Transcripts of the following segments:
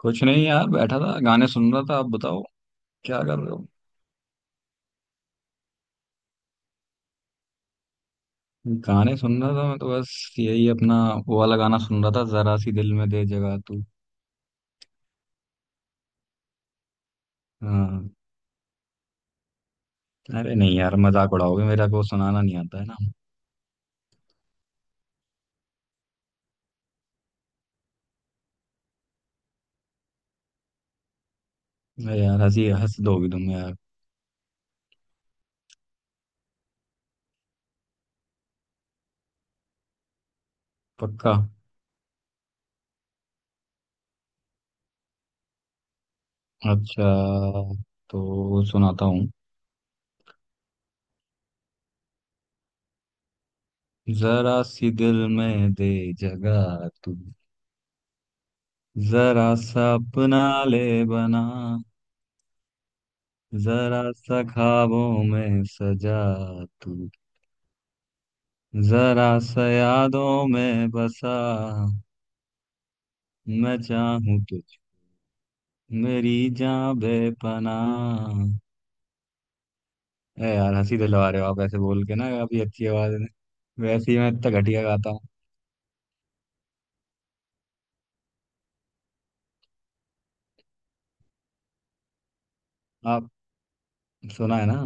कुछ नहीं यार, बैठा था, गाने सुन रहा था। आप बताओ, क्या कर रहे हो। गाने सुन रहा था मैं, तो बस यही अपना वो वाला गाना सुन रहा था, जरा सी दिल में दे जगह तू। हाँ। अरे नहीं यार, मजाक उड़ाओगे, मेरा को सुनाना नहीं आता है ना। अरे यार, हंसी हंस दोगी तुम यार। पक्का। अच्छा, तो सुनाता हूँ। जरा सी दिल में दे जगह तू। जरा सा अपना ले बना। जरा सा ख्वाबों में सजा तू। जरा सा यादों में बसा। मैं चाहूं तुझ। मेरी जान बेपनाह। ए यार, हंसी दिलवा रहे हो आप ऐसे बोल के ना, आपकी अच्छी आवाज है ना। वैसे ही मैं इतना घटिया गाता हूँ। आप सुना है ना।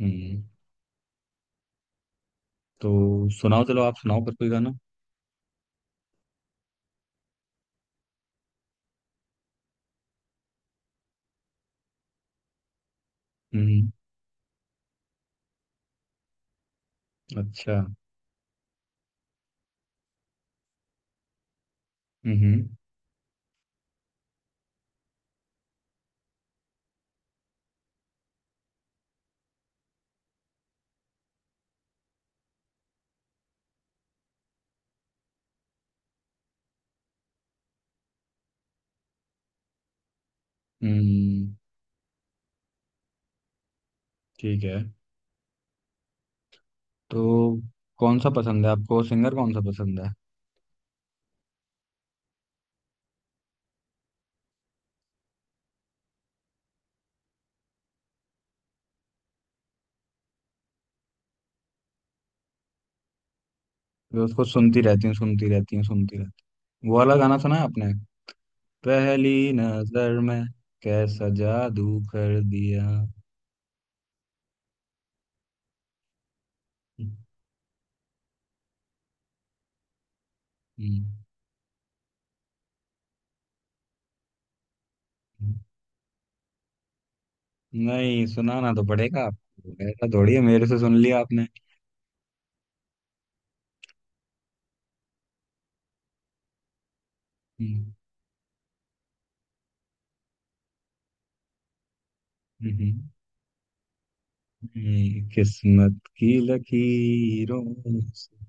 हम्म। तो सुनाओ, चलो आप सुनाओ पर कोई गाना। हम्म। अच्छा। हम्म। हम्म, ठीक है। तो कौन सा पसंद है आपको, सिंगर कौन सा पसंद है। मैं उसको सुनती रहती हूँ, सुनती रहती हूँ, सुनती रहती हूँ। वो वाला गाना सुना है आपने, पहली नजर में कैसा जादू कर दिया। हम्म, नहीं सुनाना तो पड़ेगा आपको, ऐसा थोड़ी है मेरे से सुन लिया आपने। हम्म। हम्म, किस्मत की लकीरों से।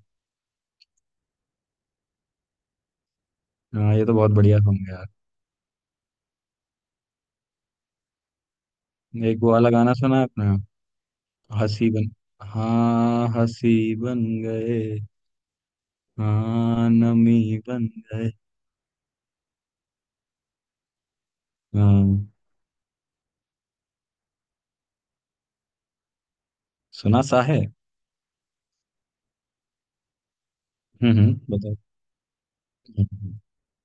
हाँ, ये तो बहुत बढ़िया सॉन्ग है यार। एक वो वाला गाना सुना है आपने। हंसी बन। हाँ हंसी बन गए। हाँ नमी बन गए। हाँ। सुना सा है। हम्म, बताओ। हम्म।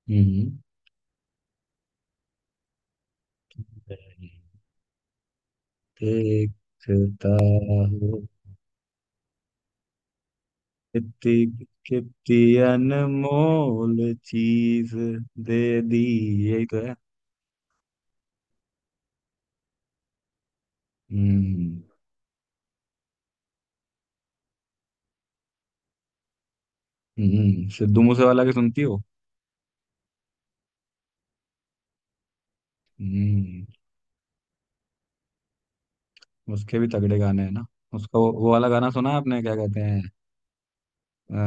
हम्म। हम्म। देखता हूँ। कितनी कितनी अनमोल चीज दे दी। ये तो है। हम्म। हम्म, सिद्धू मूसे वाला की सुनती हो। हम्म। उसके भी तगड़े गाने हैं ना। उसका वो वाला गाना सुना है आपने, क्या कहते हैं। अ,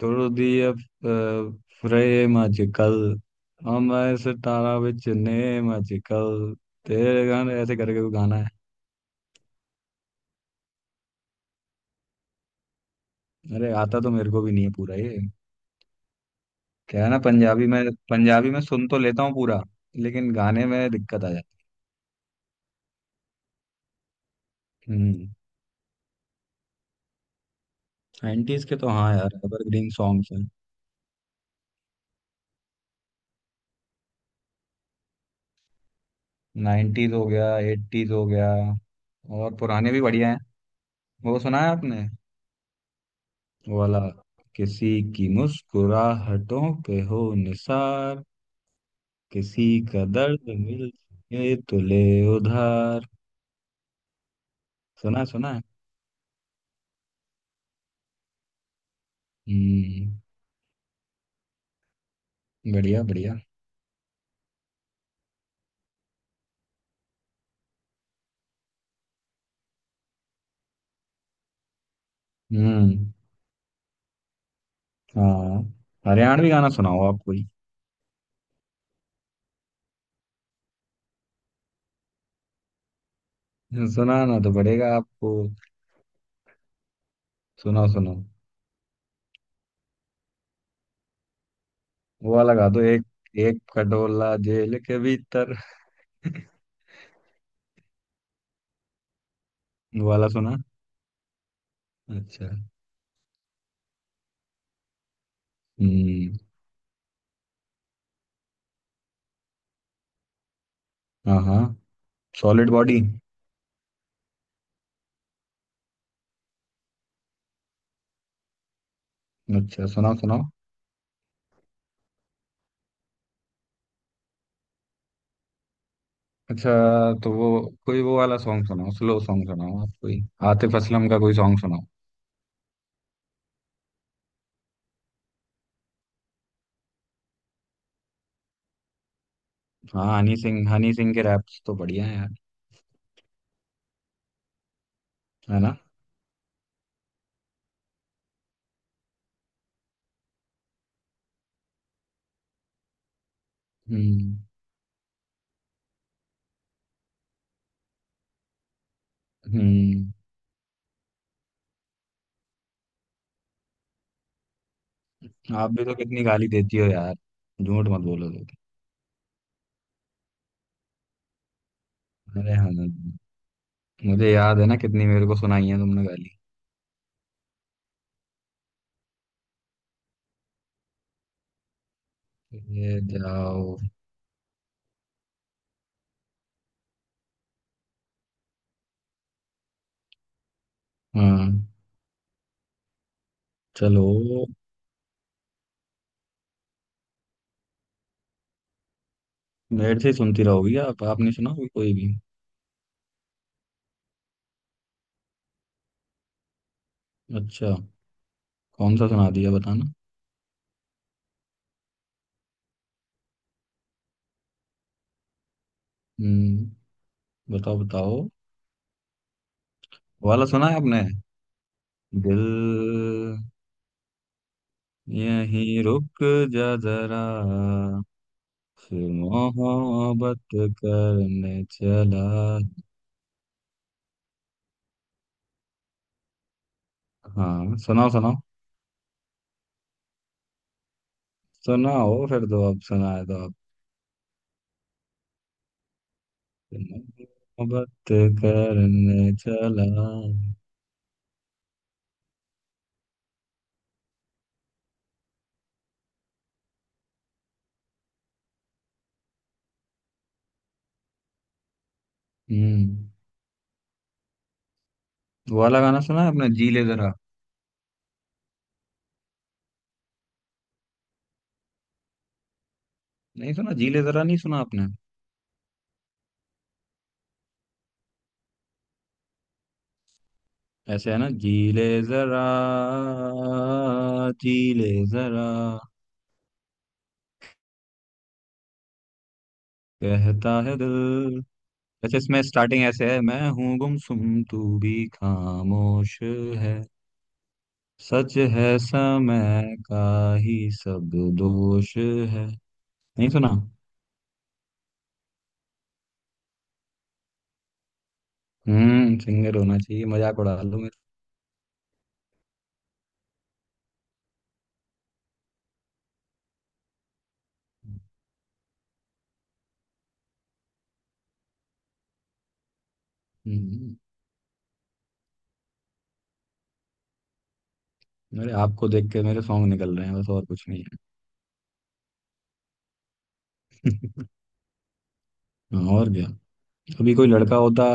तोड़ दी अब फ्रेम अजकल। हम ऐसे तारा विच नेम अजकल। तेरे गाने ऐसे करके कोई गाना है। अरे आता तो मेरे को भी नहीं है पूरा ये। क्या है ना, पंजाबी में। पंजाबी में सुन तो लेता हूँ पूरा। लेकिन गाने में दिक्कत आ जाती है। हम्म। 90s के तो हाँ यार, एवरग्रीन सॉन्ग्स हैं। 90s हो गया, 80s हो गया, और पुराने भी बढ़िया हैं। वो सुना है आपने, वो वाला, किसी की मुस्कुराहटों पे हो निसार। किसी का दर्द मिल ये तो ले उधार। सुना है सुना है। हम्म। बढ़िया बढ़िया। हम्म। हाँ, हरियाणवी गाना सुनाओ आप कोई। सुनाना तो पड़ेगा आपको। सुनो सुनो, वो वाला गा दो एक, एक खटोला जेल के भीतर। वो वाला सुना। अच्छा। हम्म। हाँ हाँ, सॉलिड बॉडी। अच्छा सुनाओ सुनाओ। अच्छा, तो वो कोई वो वाला सॉन्ग सुनाओ, स्लो सॉन्ग सुनाओ आप कोई। आतिफ असलम का कोई सॉन्ग सुनाओ। हाँ, हनी सिंह, हनी सिंह के रैप्स तो बढ़िया है यार। है ना। हम्म। हम्म। आप भी तो कितनी गाली देती हो यार, झूठ मत बोलो तो। अरे हाँ, मुझे याद है ना, कितनी मेरे को सुनाई है तुमने गाली। ये जाओ। हाँ। चलो। मेरे से ही सुनती रहोगी आप, आपने सुना होगी कोई भी। अच्छा, कौन सा सुना दिया बताना। हम्म, बताओ बताओ। वो वाला सुना है आपने, दिल, यहीं रुक जा जरा, फिर मोहब्बत करने चला। हाँ सुनाओ सुनाओ। सुनाओ फिर दो अब सुनाए तो आप। मोहब्बत करने चला। हम्म। वो वाला गाना सुना है आपने, जी ले जरा। नहीं सुना जी ले जरा, नहीं सुना आपने। ऐसे है ना, जी ले जरा, जी ले जरा, कहता है दिल। ऐसे इसमें स्टार्टिंग ऐसे है, मैं हूँ गुमसुम तू भी खामोश है। सच है समय का ही सब दोष है। नहीं सुना। हम्म, सिंगर होना चाहिए, मजाक उड़ा लो मेरे। हम्म, मेरे आपको देख के मेरे सॉन्ग निकल रहे हैं बस, और कुछ नहीं। है और क्या, अभी कोई लड़का होता,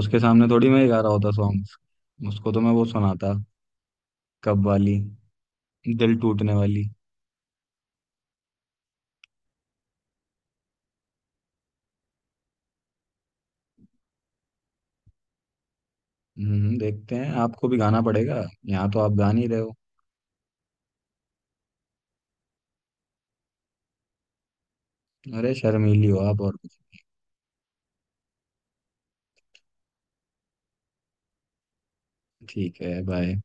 उसके सामने थोड़ी मैं ही गा रहा होता सॉन्ग्स। उसको तो मैं वो सुनाता, कब वाली, दिल टूटने वाली। देखते हैं, आपको भी गाना पड़ेगा। यहाँ तो आप गा नहीं रहे हो। अरे शर्मीली हो आप, और कुछ। ठीक है, बाय।